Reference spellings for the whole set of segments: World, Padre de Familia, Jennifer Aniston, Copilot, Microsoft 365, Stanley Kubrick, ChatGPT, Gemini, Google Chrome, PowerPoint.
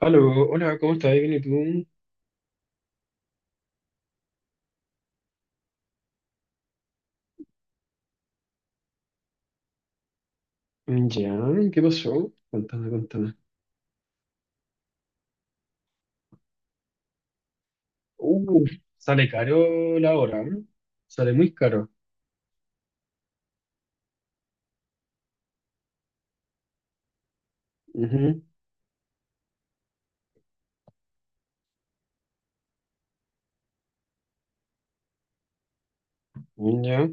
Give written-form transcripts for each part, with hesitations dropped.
Aló, hola, ¿cómo estás? Bien, ¿y tú? Mm, ya, ¿qué pasó? Cuéntame, cuéntame. Uh, Sale caro la hora, ¿eh? Sale muy caro. Ujú, ya,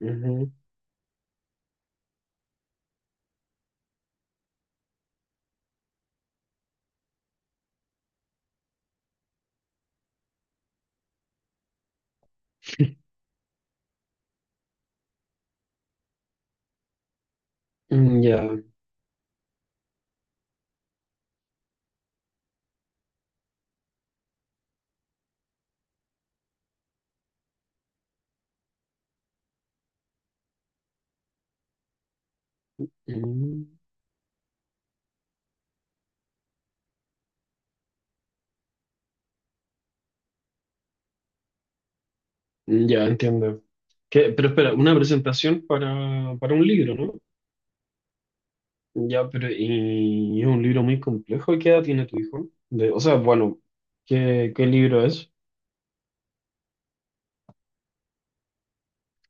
ujú. Mm, ya. mm, ya, entiendo. ¿Qué? Pero espera, una presentación para un libro, ¿no? Ya, pero y es un libro muy complejo. ¿Qué edad tiene tu hijo? De, o sea, bueno, ¿qué libro es?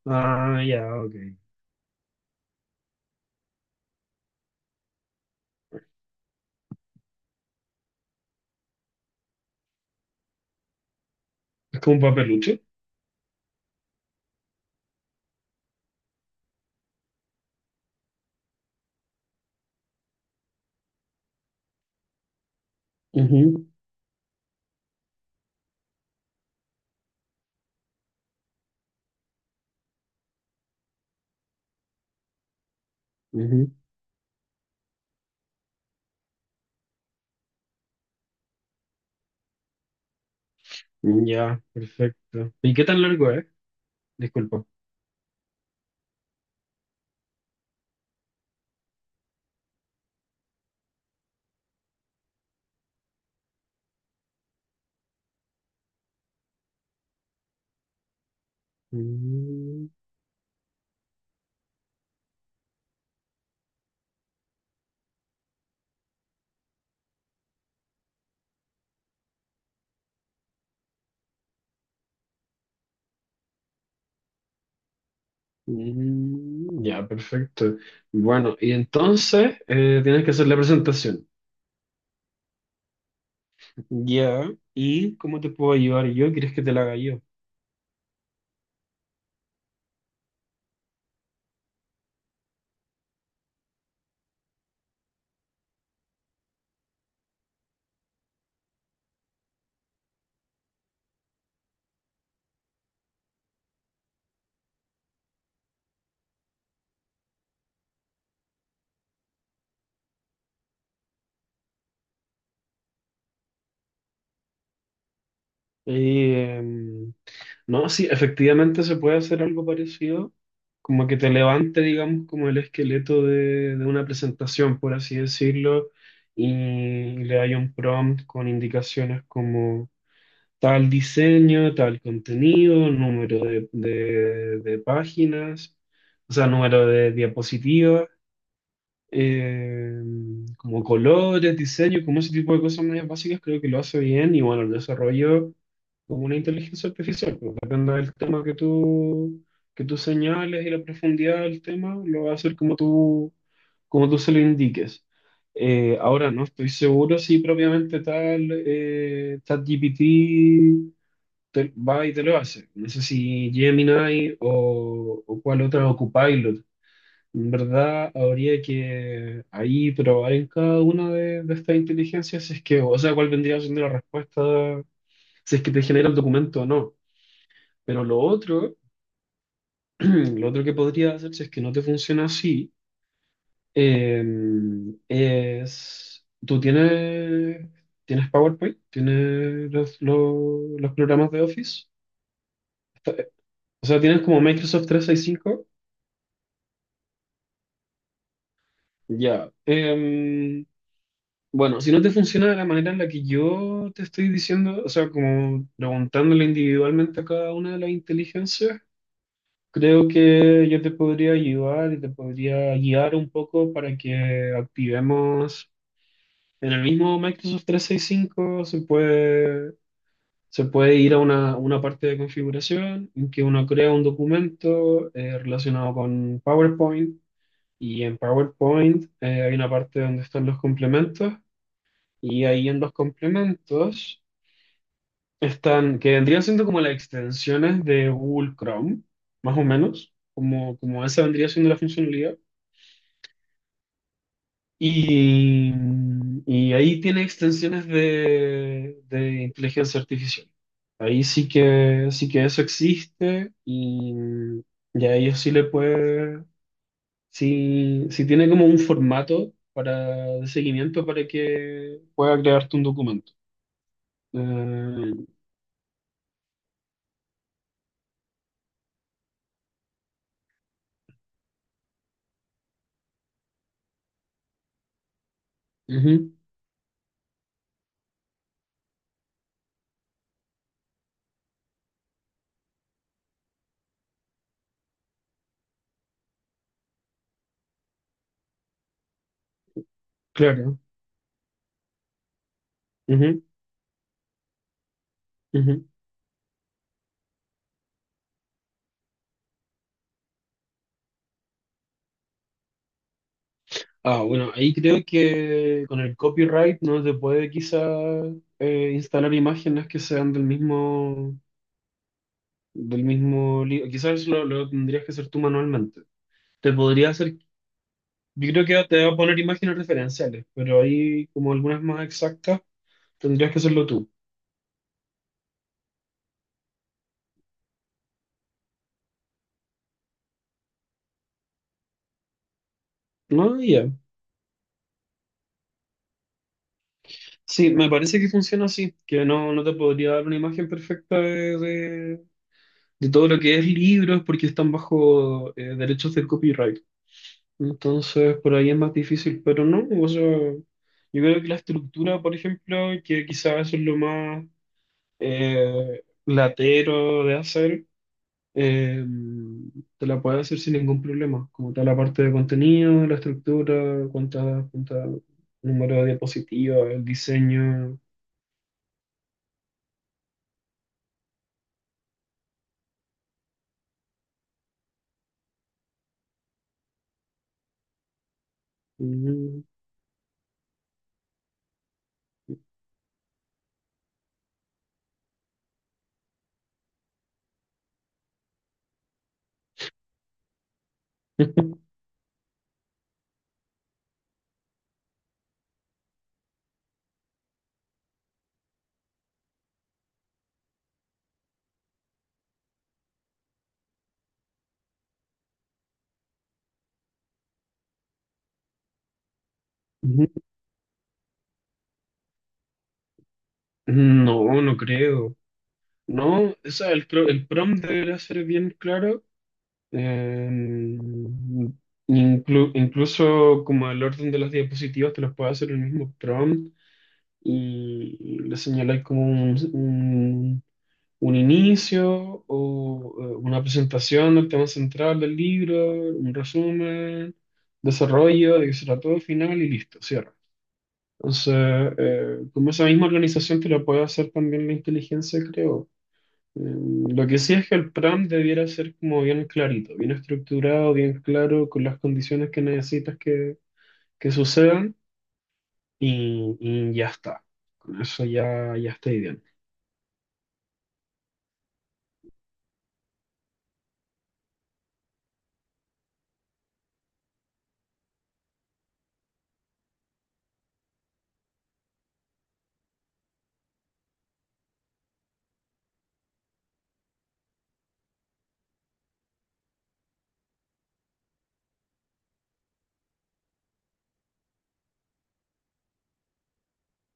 Ah, ya, ok. ¿Es como un papeluche? Ujú, ujú. Ya, perfecto. ¿Y qué tan largo es? Disculpa. Mm, mm, ya, perfecto. Bueno, y entonces tienes que hacer la presentación. Ya. ¿Y cómo te puedo ayudar yo? ¿Quieres que te la haga yo? Eh, mm, no, sí, efectivamente se puede hacer algo parecido, como que te levante, digamos, como el esqueleto de una presentación, por así decirlo, y le haya un prompt con indicaciones como tal diseño, tal contenido, número de páginas, o sea, número de diapositivas, eh, como colores, diseño, como ese tipo de cosas más básicas, creo que lo hace bien y bueno, el desarrollo como una inteligencia artificial, pues, depende del tema que tú, señales y la profundidad del tema, lo va a hacer como tú se lo indiques. Ahora no estoy seguro si propiamente tal ChatGPT va y te lo hace. No sé si Gemini o cuál otra o Copilot. En verdad, habría que ahí probar en cada una de estas inteligencias, si es que, o sea, cuál vendría siendo la respuesta, si es que te genera el documento o no. Pero lo otro, lo otro que podría hacer, si es que no te funciona así, eh, tú tienes PowerPoint, tienes los programas de Office. O sea, tienes como Microsoft 365. Ya. Bueno, si no te funciona de la manera en la que yo te estoy diciendo, o sea, como preguntándole individualmente a cada una de las inteligencias, creo que yo te podría ayudar y te podría guiar un poco para que activemos en el mismo Microsoft trescientos sesenta y cinco se puede ir a una parte de configuración en que uno crea un documento relacionado con PowerPoint. Y en PowerPoint hay una parte donde están los complementos. Y ahí en los complementos están, que vendrían siendo como las extensiones de Google Chrome, más o menos, como, como esa vendría siendo la funcionalidad. Y, y ahí tiene extensiones de inteligencia artificial. Ahí sí que, eso existe y a ellos sí le puede, sí, sí tiene como un formato para, de seguimiento para que pueda crearte un documento. Eh, Ujú. Claro. Ujú, ujú. Ah, bueno, ahí creo que con el copyright no se puede quizá instalar imágenes que sean del mismo libro. Quizás lo tendrías que hacer tú manualmente. Te podría hacer, yo creo que te va a poner imágenes referenciales, pero ahí como algunas más exactas tendrías que hacerlo tú. No, ya. Sí, me parece que funciona así, que no, no te podría dar una imagen perfecta de, de todo lo que es libros porque están bajo derechos del copyright. Entonces, por ahí es más difícil, pero no, o sea, yo creo que la estructura, por ejemplo, que quizás eso es lo más latero de hacer, eh, te la puedes hacer sin ningún problema, como tal la parte de contenido, la estructura, cuántas número de diapositivas, el diseño. Mm. Ujú. No, no creo. No, o sea, el prompt debería ser bien claro. Em, Incluso como el orden de las diapositivas te los puede hacer el mismo prompt y le señaláis como un, un inicio o una presentación del tema central del libro, un resumen, desarrollo, de qué será todo, final y listo, cierra. Entonces, como esa misma organización te lo puede hacer también la inteligencia, creo. Lo que sí es que el plan debiera ser como bien clarito, bien estructurado, bien claro, con las condiciones que necesitas que sucedan y ya está. Con eso ya, ya está ideal.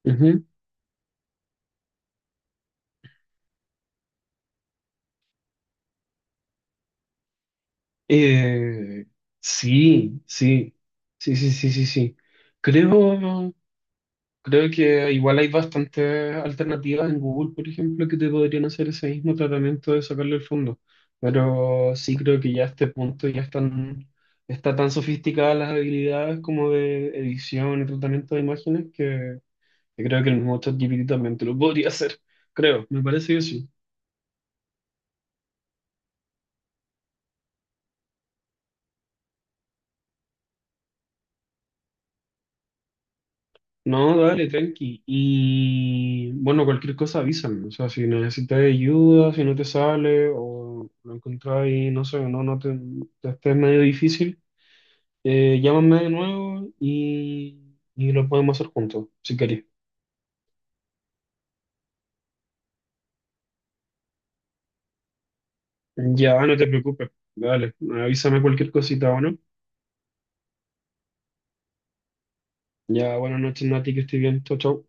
Ujú. Eh, sí, sí, sí, sí, sí, sí, sí. Creo, Creo, que igual hay bastantes alternativas en Google, por ejemplo, que te podrían hacer ese mismo tratamiento de sacarle el fondo. Pero sí creo que ya a este punto ya están, está tan sofisticadas las habilidades como de edición y tratamiento de imágenes que, creo que el mismo ChatGPT también te lo podría hacer. Creo, me parece que sí. No, dale, tranqui. Y bueno, cualquier cosa avísame. O sea, si necesitas ayuda, si no te sale o lo encontrás y no sé, no, no te, estés medio difícil. Llámame de nuevo y lo podemos hacer juntos, si querés. Ya, no te preocupes. Dale, avísame cualquier cosita, ¿o no? Ya, buenas noches, Nati, que estés bien. Chau, chau.